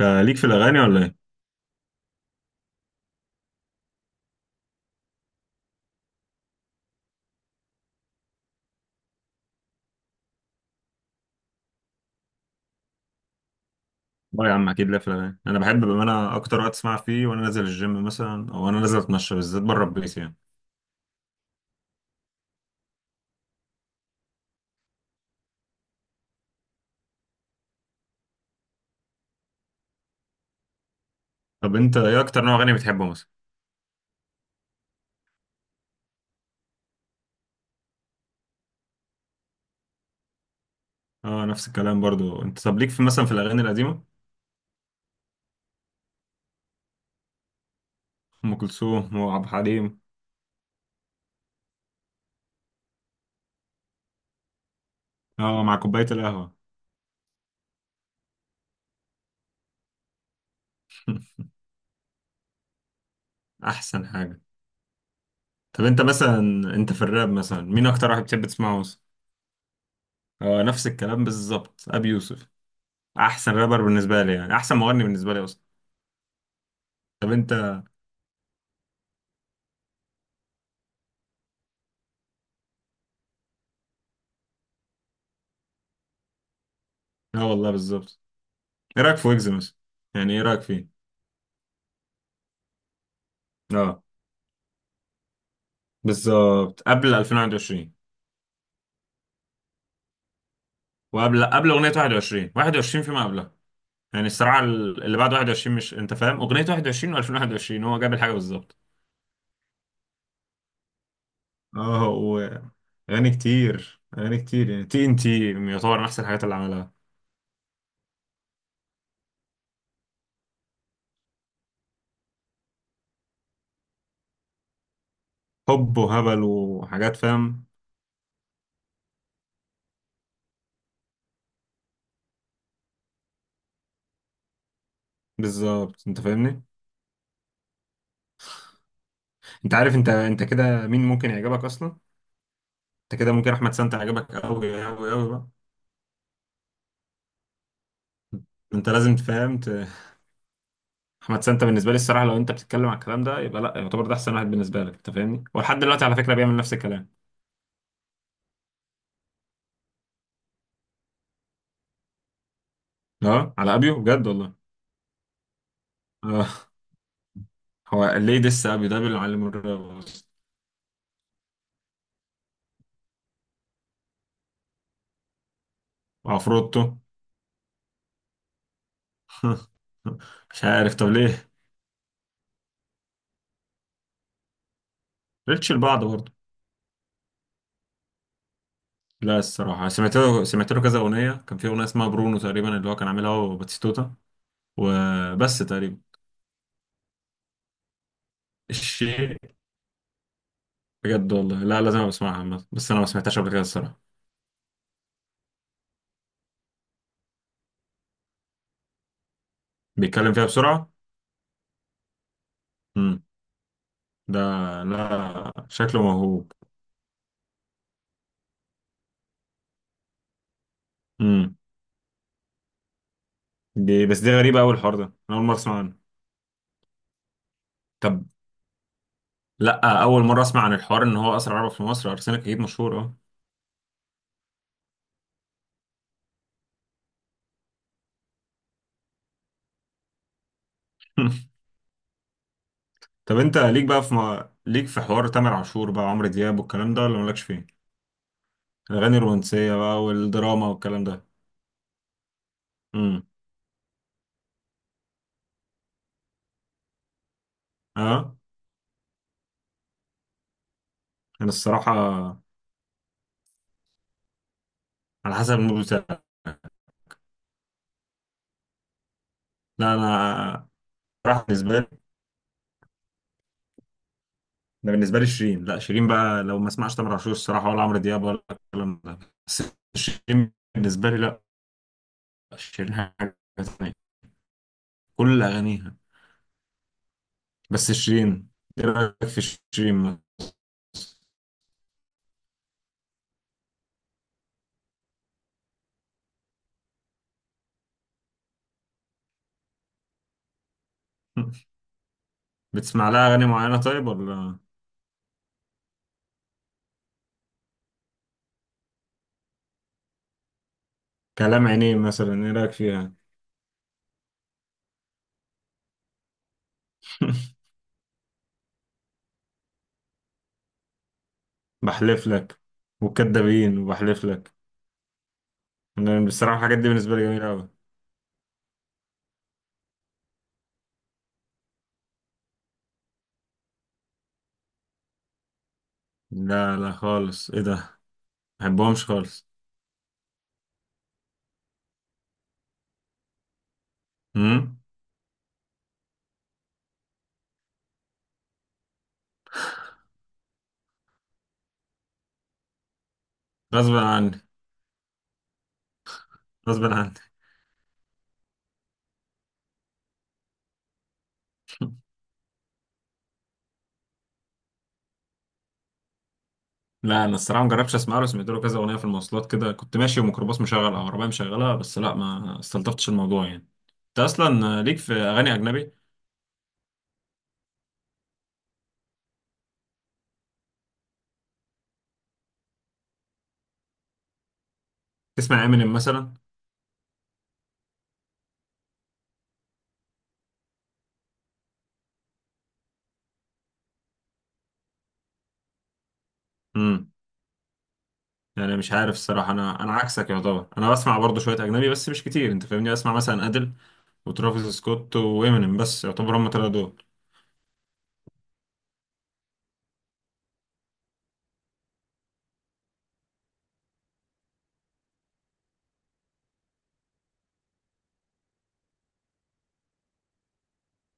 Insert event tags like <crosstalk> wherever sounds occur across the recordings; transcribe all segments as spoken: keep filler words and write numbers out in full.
انت ليك في الاغاني ولا ايه؟ اه يا عم، اكيد ليا في الاغاني. انا بحب، بما انا اكتر وقت اسمع فيه وانا نازل الجيم مثلا، او انا نازل اتمشى بالذات بره البيت يعني. طب انت ايه اكتر نوع اغاني بتحبه مثلا؟ اه نفس الكلام برضو. انت طب ليك في مثلا في الاغاني القديمه؟ ام كلثوم وعبد الحليم. اه مع كوبايه القهوه. <laughs> احسن حاجه. طب انت مثلا، انت في الراب مثلا مين اكتر واحد بتحب تسمعه مثلا؟ اه نفس الكلام بالظبط، ابي يوسف احسن رابر بالنسبه لي، يعني احسن مغني بالنسبه لي اصلا. طب انت، اه والله بالظبط. ايه رايك في ويجز مثلا؟ يعني ايه رايك فيه؟ اه بالظبط قبل ألفين وواحد وعشرين. وقبل قبل اغنيه واحد وعشرين واحد وعشرين فيما قبلها. يعني الصراع ال- اللي بعد واحد وعشرين، مش انت فاهم اغنيه واحد وعشرين و2021؟ هو جاب الحاجه بالظبط. اه، و اغاني كتير، اغاني كتير، يعني تي ان تي يعتبر من احسن الحاجات اللي عملها. حب وهبل وحاجات، فاهم؟ بالظبط، انت فاهمني. انت عارف انت انت كده مين ممكن يعجبك اصلا؟ انت كده ممكن احمد سانتا يعجبك قوي قوي قوي بقى. انت لازم تفهم. احمد سانتا بالنسبه لي الصراحه، لو انت بتتكلم على الكلام ده، يبقى لا، يعتبر ده احسن واحد بالنسبه لك، انت فاهمني، ولحد دلوقتي على فكره بيعمل نفس الكلام. اه على ابيو، بجد والله. اه. هو ليه دس ابيو؟ ده بيعلم الراب أصلاً. وعفروتو. <laughs> مش عارف، طب ليه ريتش لبعض برضه. لا الصراحه، سمعت له سمعت له كذا اغنيه. كان في اغنيه اسمها برونو تقريبا، اللي هو كان عاملها هو وباتيستوتا، وبس تقريبا. الشيء؟ بجد والله، لا لازم أبقى اسمعها عامة. بس انا ما سمعتهاش قبل كده الصراحه. بيتكلم فيها بسرعه. ده لا، شكله موهوب. امم. دي بس دي غريبة، أول الحوار ده أنا أول مرة أسمع عنه. طب، لا أول مرة أسمع عن الحوار إن هو أسرع عربة في مصر. أرسنال أكيد مشهور، أه. <laughs> طب أنت ليك بقى في م... ليك في حوار تامر عاشور بقى، عمرو دياب، والكلام ده، ولا مالكش فيه؟ الأغاني الرومانسية بقى، والدراما والكلام ده. امم. أه. أنا الصراحة على حسب المود بتاعي. لا أنا، راح بالنسبة لي، ده بالنسبة لي شيرين. لا شيرين بقى، لو ما اسمعش تامر عاشور الصراحة، ولا عمرو دياب، ولا الكلام ده. بس شيرين بالنسبة لي، لا، شيرين حاجة تانية، كل أغانيها. بس شيرين، إيه رأيك في شيرين؟ <laughs> بتسمع لها أغاني معينة طيب، ولا؟ كلام عينيه مثلا، إيه رأيك فيها؟ <laughs> بحلف لك وكدابين وبحلف لك. أنا بصراحة الحاجات دي بالنسبة لي جميلة أوي. لا لا خالص، إيه ده؟ ما بحبهمش خالص. امم. غصب عني، غصب عني. <laughs> لا انا الصراحه ما جربتش اسمع له. سمعت له كذا اغنيه في المواصلات، كده كنت ماشي وميكروباص مشغل او عربيه مشغلها، بس لا، ما استلطفتش الموضوع يعني. انت اصلا ليك في اغاني اجنبي؟ تسمع امينيم مثلا؟ امم. يعني مش عارف الصراحه، انا انا عكسك يعتبر، انا بسمع برضه شويه اجنبي، بس مش كتير، انت فاهمني، بسمع مثلا ادل وترافيس سكوت وامينيم، بس يعتبر هم تلاتة دول.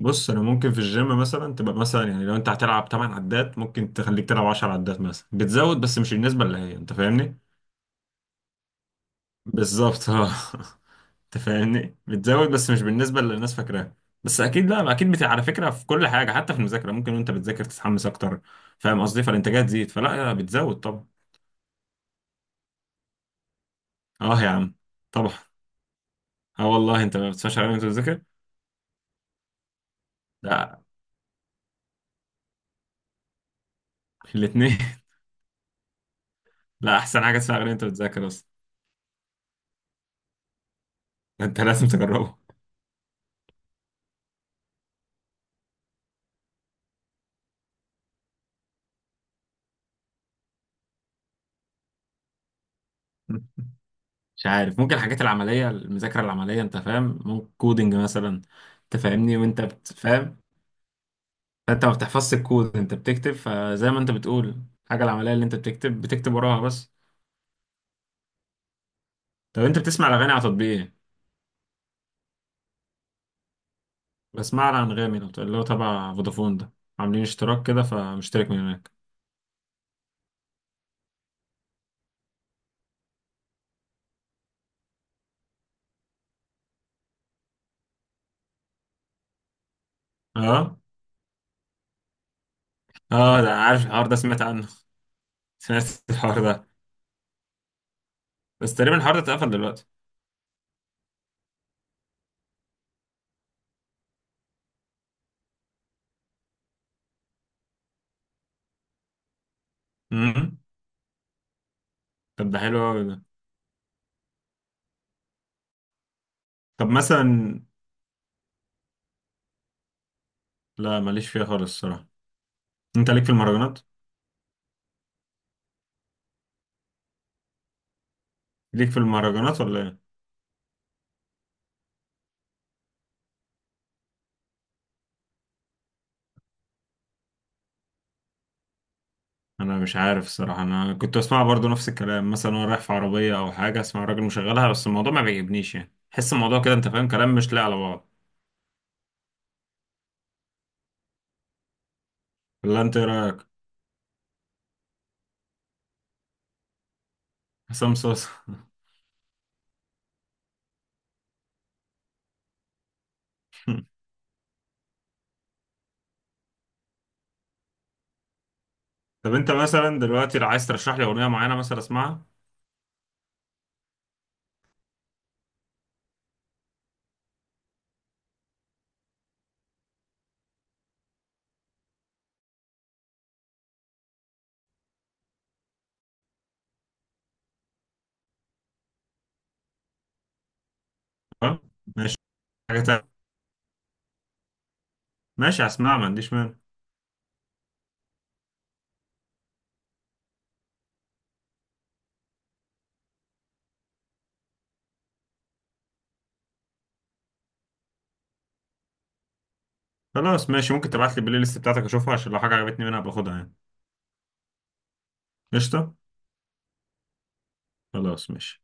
بص انا ممكن في الجيم مثلا، تبقى مثلا يعني لو انت هتلعب ثماني عدات ممكن تخليك تلعب عشرة عدات مثلا، بتزود بس مش النسبه اللي هي، انت فاهمني. بالظبط، اه. <laughs> انت فاهمني، بتزود بس مش بالنسبه اللي الناس فاكراها. بس اكيد، لا اكيد، بت... على فكره في كل حاجه، حتى في المذاكره ممكن وانت بتذاكر تتحمس اكتر. فاهم قصدي؟ فالانتاجيه تزيد، فلا بتزود طبعا. اه يا عم، طبعا. اه والله، انت ما بتسمعش غير وانت بتذاكر. لا الاثنين. <laughs> لا احسن حاجه تسمع غير وانت بتذاكر اصلا. انت لازم تجربه. <laughs> مش عارف، ممكن الحاجات العمليه، المذاكره العمليه انت فاهم، ممكن كودينج مثلا. انت فاهمني وانت بتفهم. انت ما بتحفظش الكود، انت بتكتب، فزي ما انت بتقول الحاجه العمليه اللي انت بتكتب، بتكتب وراها بس. طب انت بتسمع الاغاني على تطبيق ايه؟ بسمع على انغامي، لو اللي هو تبع فودافون ده، عاملين اشتراك كده فمشترك من هناك. اه اه ده، عارف الحوار ده، سمعت عنه. <laughs> سمعت الحوار ده، بس تقريبا الحوار ده اتقفل دلوقتي. امم. طب ده حلو قوي ده. طب مثلا، لا ماليش فيها خالص الصراحه. انت ليك في المهرجانات؟ ليك في المهرجانات ولا ايه؟ انا مش عارف الصراحه، انا كنت اسمع برضو نفس الكلام مثلا، وانا رايح في عربيه او حاجه، اسمع راجل مشغلها، بس الموضوع ما بيعجبنيش يعني، حس الموضوع كده، انت فاهم، كلام مش لاقي على بعض. ولا انت، ايه رايك؟ حسام صوص. <laughs> طب انت مثلا دلوقتي، لو عايز ترشح لي اغنيه معينه مثلا اسمعها. تمام، ماشي. حاجه تانية. ماشي، هسمعها ما عنديش مانع. خلاص ماشي، ممكن تبعت لي البلاي ليست بتاعتك اشوفها، عشان لو حاجه عجبتني منها باخدها يعني. قشطه. خلاص ماشي.